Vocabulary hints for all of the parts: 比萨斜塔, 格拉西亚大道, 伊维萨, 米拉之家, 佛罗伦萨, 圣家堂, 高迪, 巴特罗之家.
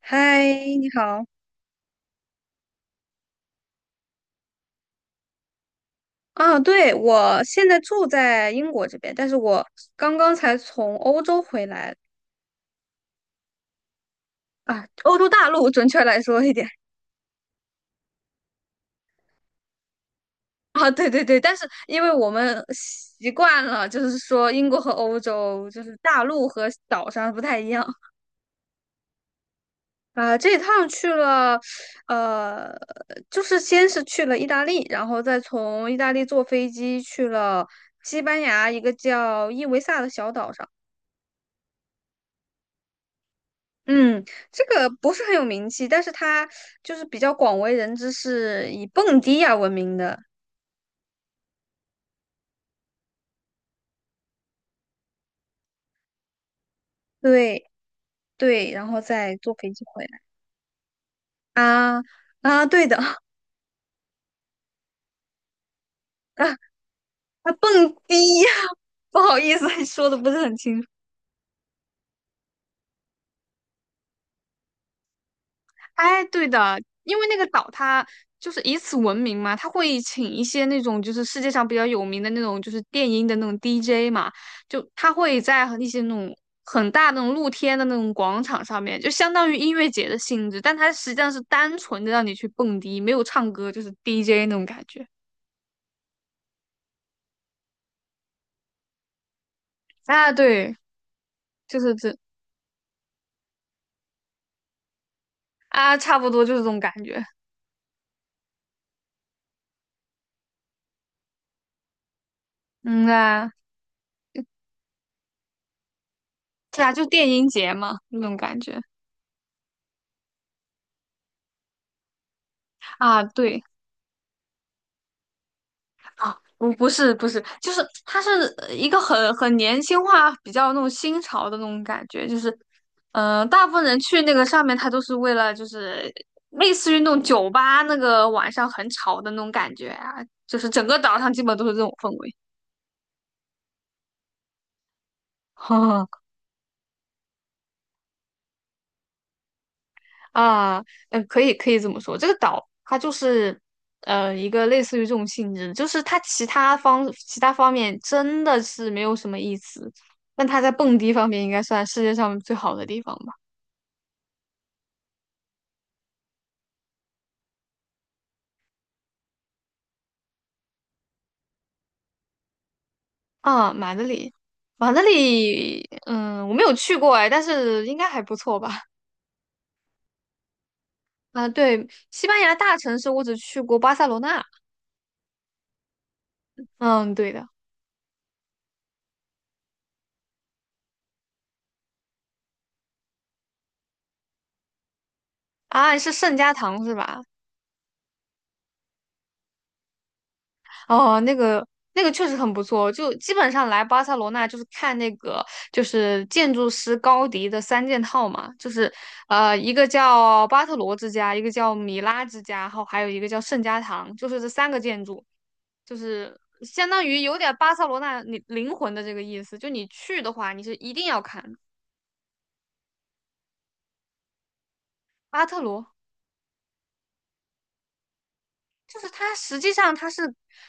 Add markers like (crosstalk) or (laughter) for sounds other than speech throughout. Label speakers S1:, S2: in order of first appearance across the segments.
S1: 嗨，你好。啊，对，我现在住在英国这边，但是我刚刚才从欧洲回来啊，欧洲大陆准确来说一点啊，对对对，但是因为我们习惯了，就是说英国和欧洲，就是大陆和岛上不太一样啊。这一趟去了，呃，就是先是去了意大利，然后再从意大利坐飞机去了西班牙一个叫伊维萨的小岛上。嗯，这个不是很有名气，但是他就是比较广为人知，是以蹦迪呀闻名的。对对，然后再坐飞机回来啊啊，对的 (laughs) 啊啊，蹦迪，(laughs) 不好意思，(laughs) 说的不是很清楚。哎，对的，因为那个岛它就是以此闻名嘛，它会请一些那种就是世界上比较有名的那种就是电音的那种 DJ 嘛，就他会在和一些那种很大的那种露天的那种广场上面，就相当于音乐节的性质，但它实际上是单纯的让你去蹦迪，没有唱歌，就是 DJ 那种感觉。啊，对，就是这啊，差不多就是这种感觉。嗯啊，对啊，就电音节嘛，那种感觉啊，对。啊，不是不是，就是它是一个很年轻化、比较那种新潮的那种感觉，就是，嗯、大部分人去那个上面，他都是为了就是类似于那种酒吧那个晚上很吵的那种感觉啊，就是整个岛上基本都是这种氛围。(laughs) 啊，嗯，可以可以这么说，这个岛它就是一个类似于这种性质，就是它其他方面真的是没有什么意思，但它在蹦迪方面应该算世界上最好的地方吧。啊，马德里，马德里，嗯，我没有去过哎，但是应该还不错吧？啊，对，西班牙大城市我只去过巴塞罗那，嗯，对的，啊，是圣家堂是吧？哦，那个确实很不错，就基本上来巴塞罗那就是看那个就是建筑师高迪的三件套嘛，就是一个叫巴特罗之家，一个叫米拉之家，然后还有一个叫圣家堂，就是这三个建筑，就是相当于有点巴塞罗那你灵魂的这个意思，就你去的话，你是一定要看的巴特罗。就是它实际上它是，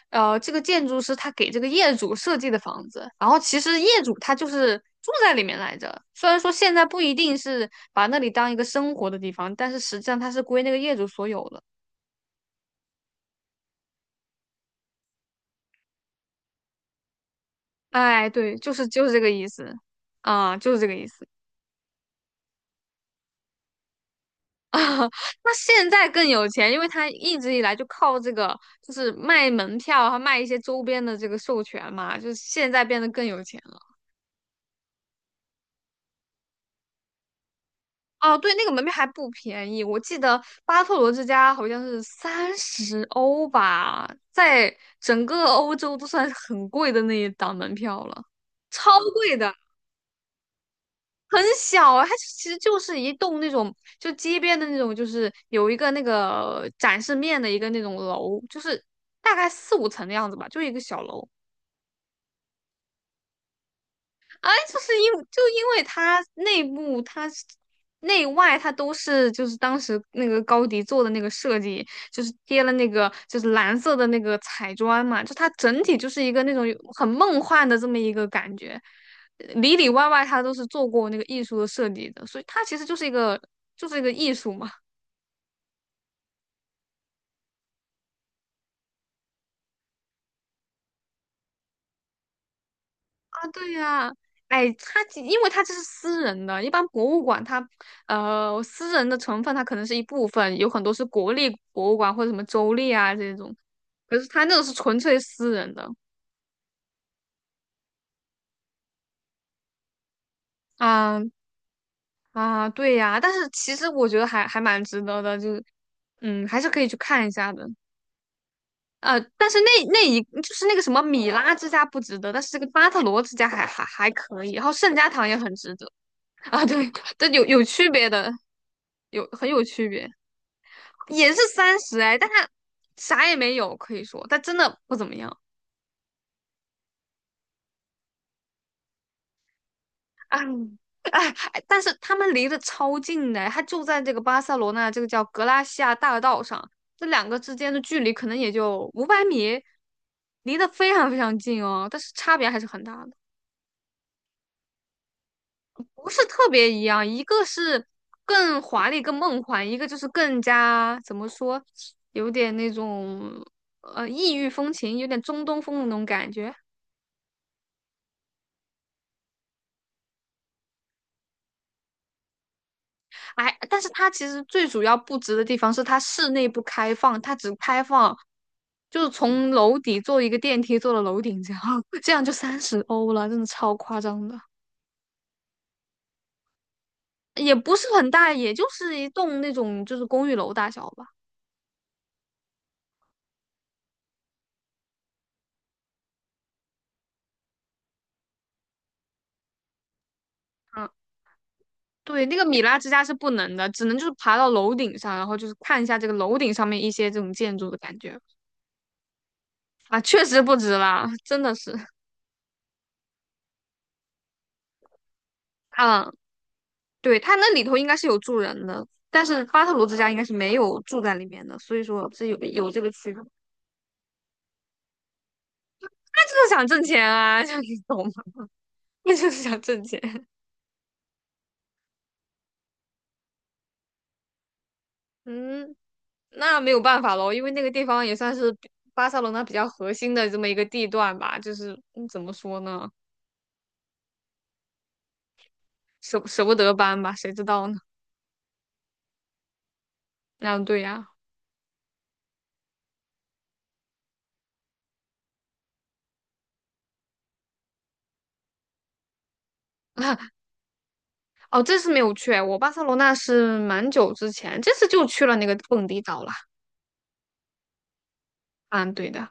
S1: 这个建筑师他给这个业主设计的房子，然后其实业主他就是住在里面来着。虽然说现在不一定是把那里当一个生活的地方，但是实际上它是归那个业主所有的。哎，对，就是这个意思，啊、就是这个意思。(laughs) 啊，那现在更有钱，因为他一直以来就靠这个，就是卖门票和卖一些周边的这个授权嘛，就是现在变得更有钱。哦，对，那个门票还不便宜，我记得巴特罗之家好像是三十欧吧，在整个欧洲都算是很贵的那一档门票了，超贵的，很小啊，它其实就是一栋那种就街边的那种，就是有一个那个展示面的一个那种楼，就是大概四五层的样子吧，就一个小楼，哎，因为它内部、它是内外它都是就是当时那个高迪做的那个设计，就是贴了那个就是蓝色的那个彩砖嘛，就它整体就是一个那种有很梦幻的这么一个感觉，里里外外它都是做过那个艺术的设计的，所以它其实就是一个艺术嘛。啊，对呀、哎，因为它这是私人的，一般博物馆它，私人的成分它可能是一部分，有很多是国立博物馆或者什么州立啊这种，可是它那个是纯粹私人的，啊啊，对呀、但是其实我觉得还蛮值得的，就是嗯，还是可以去看一下的，但是那一就是那个什么米拉之家不值得，但是这个巴特罗之家还可以，然后圣家堂也很值得。(laughs) 啊，对，这有区别的，很有区别，也是三十哎，但他啥也没有，可以说他真的不怎么样。哎哎，哎但是他们离得超近的，他就在这个巴塞罗那这个叫格拉西亚大道上，这两个之间的距离可能也就500米，离得非常非常近哦，但是差别还是很大的。不是特别一样，一个是更华丽、更梦幻，一个就是更加怎么说，有点那种异域风情，有点中东风的那种感觉。哎，但是它其实最主要不值的地方是它室内不开放，它只开放就是从楼底坐一个电梯坐到楼顶这样，(laughs) 这样就30欧了，真的超夸张的，也不是很大，也就是一栋那种就是公寓楼大小吧。嗯。对，那个米拉之家是不能的，只能就是爬到楼顶上，然后就是看一下这个楼顶上面一些这种建筑的感觉啊，确实不值啦，真的是。嗯，对，它那里头应该是有住人的，但是巴特罗之家应该是没有住在里面的，所以说是有这个区别。他就是想挣钱啊，(laughs) 像你懂吗？那就是想挣钱。嗯，那没有办法喽，因为那个地方也算是比巴塞罗那比较核心的这么一个地段吧，就是嗯，怎么说呢，舍不得搬吧，谁知道呢？啊，对呀。哦，这次没有去哎，我巴塞罗那是蛮久之前，这次就去了那个蹦迪岛了。嗯，对的，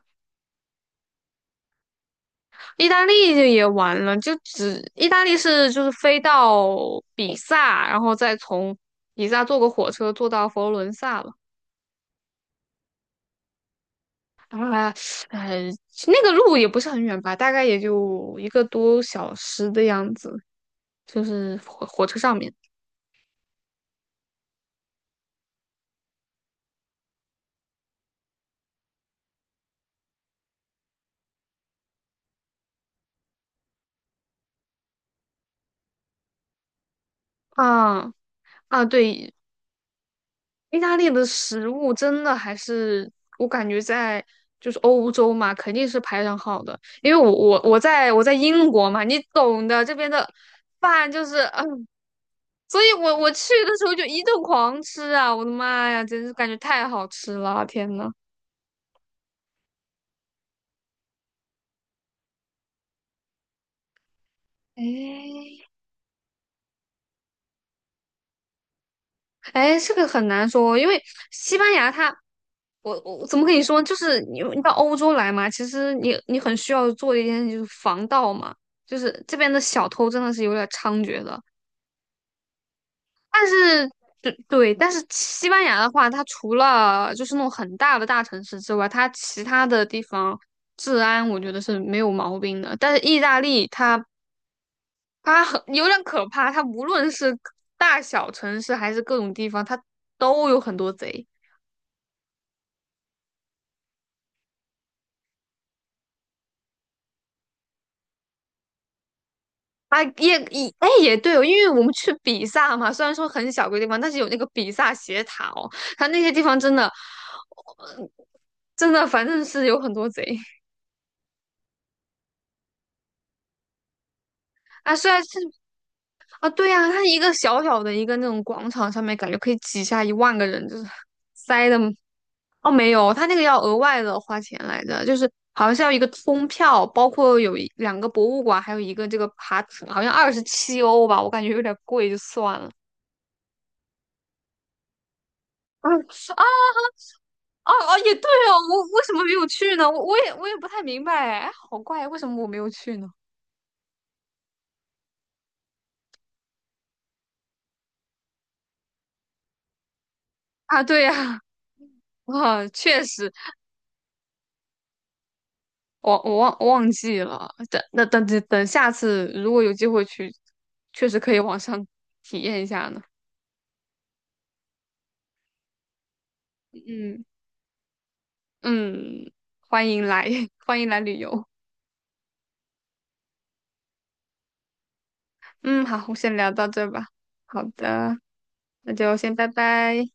S1: 意大利就也玩了，就只意大利是就是飞到比萨，然后再从比萨坐个火车坐到佛罗伦萨了。啊，呃，那个路也不是很远吧，大概也就一个多小时的样子，就是火车上面。啊啊，对，意大利的食物真的还是我感觉在就是欧洲嘛，肯定是排上号的。因为我在英国嘛，你懂的，这边的饭就是，嗯，所以我去的时候就一顿狂吃啊！我的妈呀，真是感觉太好吃了，天呐！哎哎，这个很难说，因为西班牙它我怎么跟你说？就是你到欧洲来嘛，其实你很需要做的一件事就是防盗嘛，就是这边的小偷真的是有点猖獗的。但是对对，但是西班牙的话，它除了就是那种很大的大城市之外，它其他的地方治安我觉得是没有毛病的。但是意大利它很有点可怕，它无论是大小城市还是各种地方，它都有很多贼。啊，哎也对哦，因为我们去比萨嘛，虽然说很小个地方，但是有那个比萨斜塔哦，它那些地方真的，真的反正是有很多贼啊。虽然是啊，对呀、它一个小小的一个那种广场上面，感觉可以挤下1万个人，就是塞的。哦，没有，它那个要额外的花钱来着，就是好像是要一个通票，包括有一两个博物馆，还有一个这个爬，好像27欧吧，我感觉有点贵，就算了。啊啊！哦哦，也对哦，我为什么没有去呢？我也不太明白哎，好怪，为什么我没有去呢？啊，对呀、哇，确实，我忘记了。等那等等等下次如果有机会去，确实可以网上体验一下呢。嗯嗯，欢迎来，(laughs) 欢迎来旅游。嗯，好，我先聊到这吧。好的，那就先拜拜。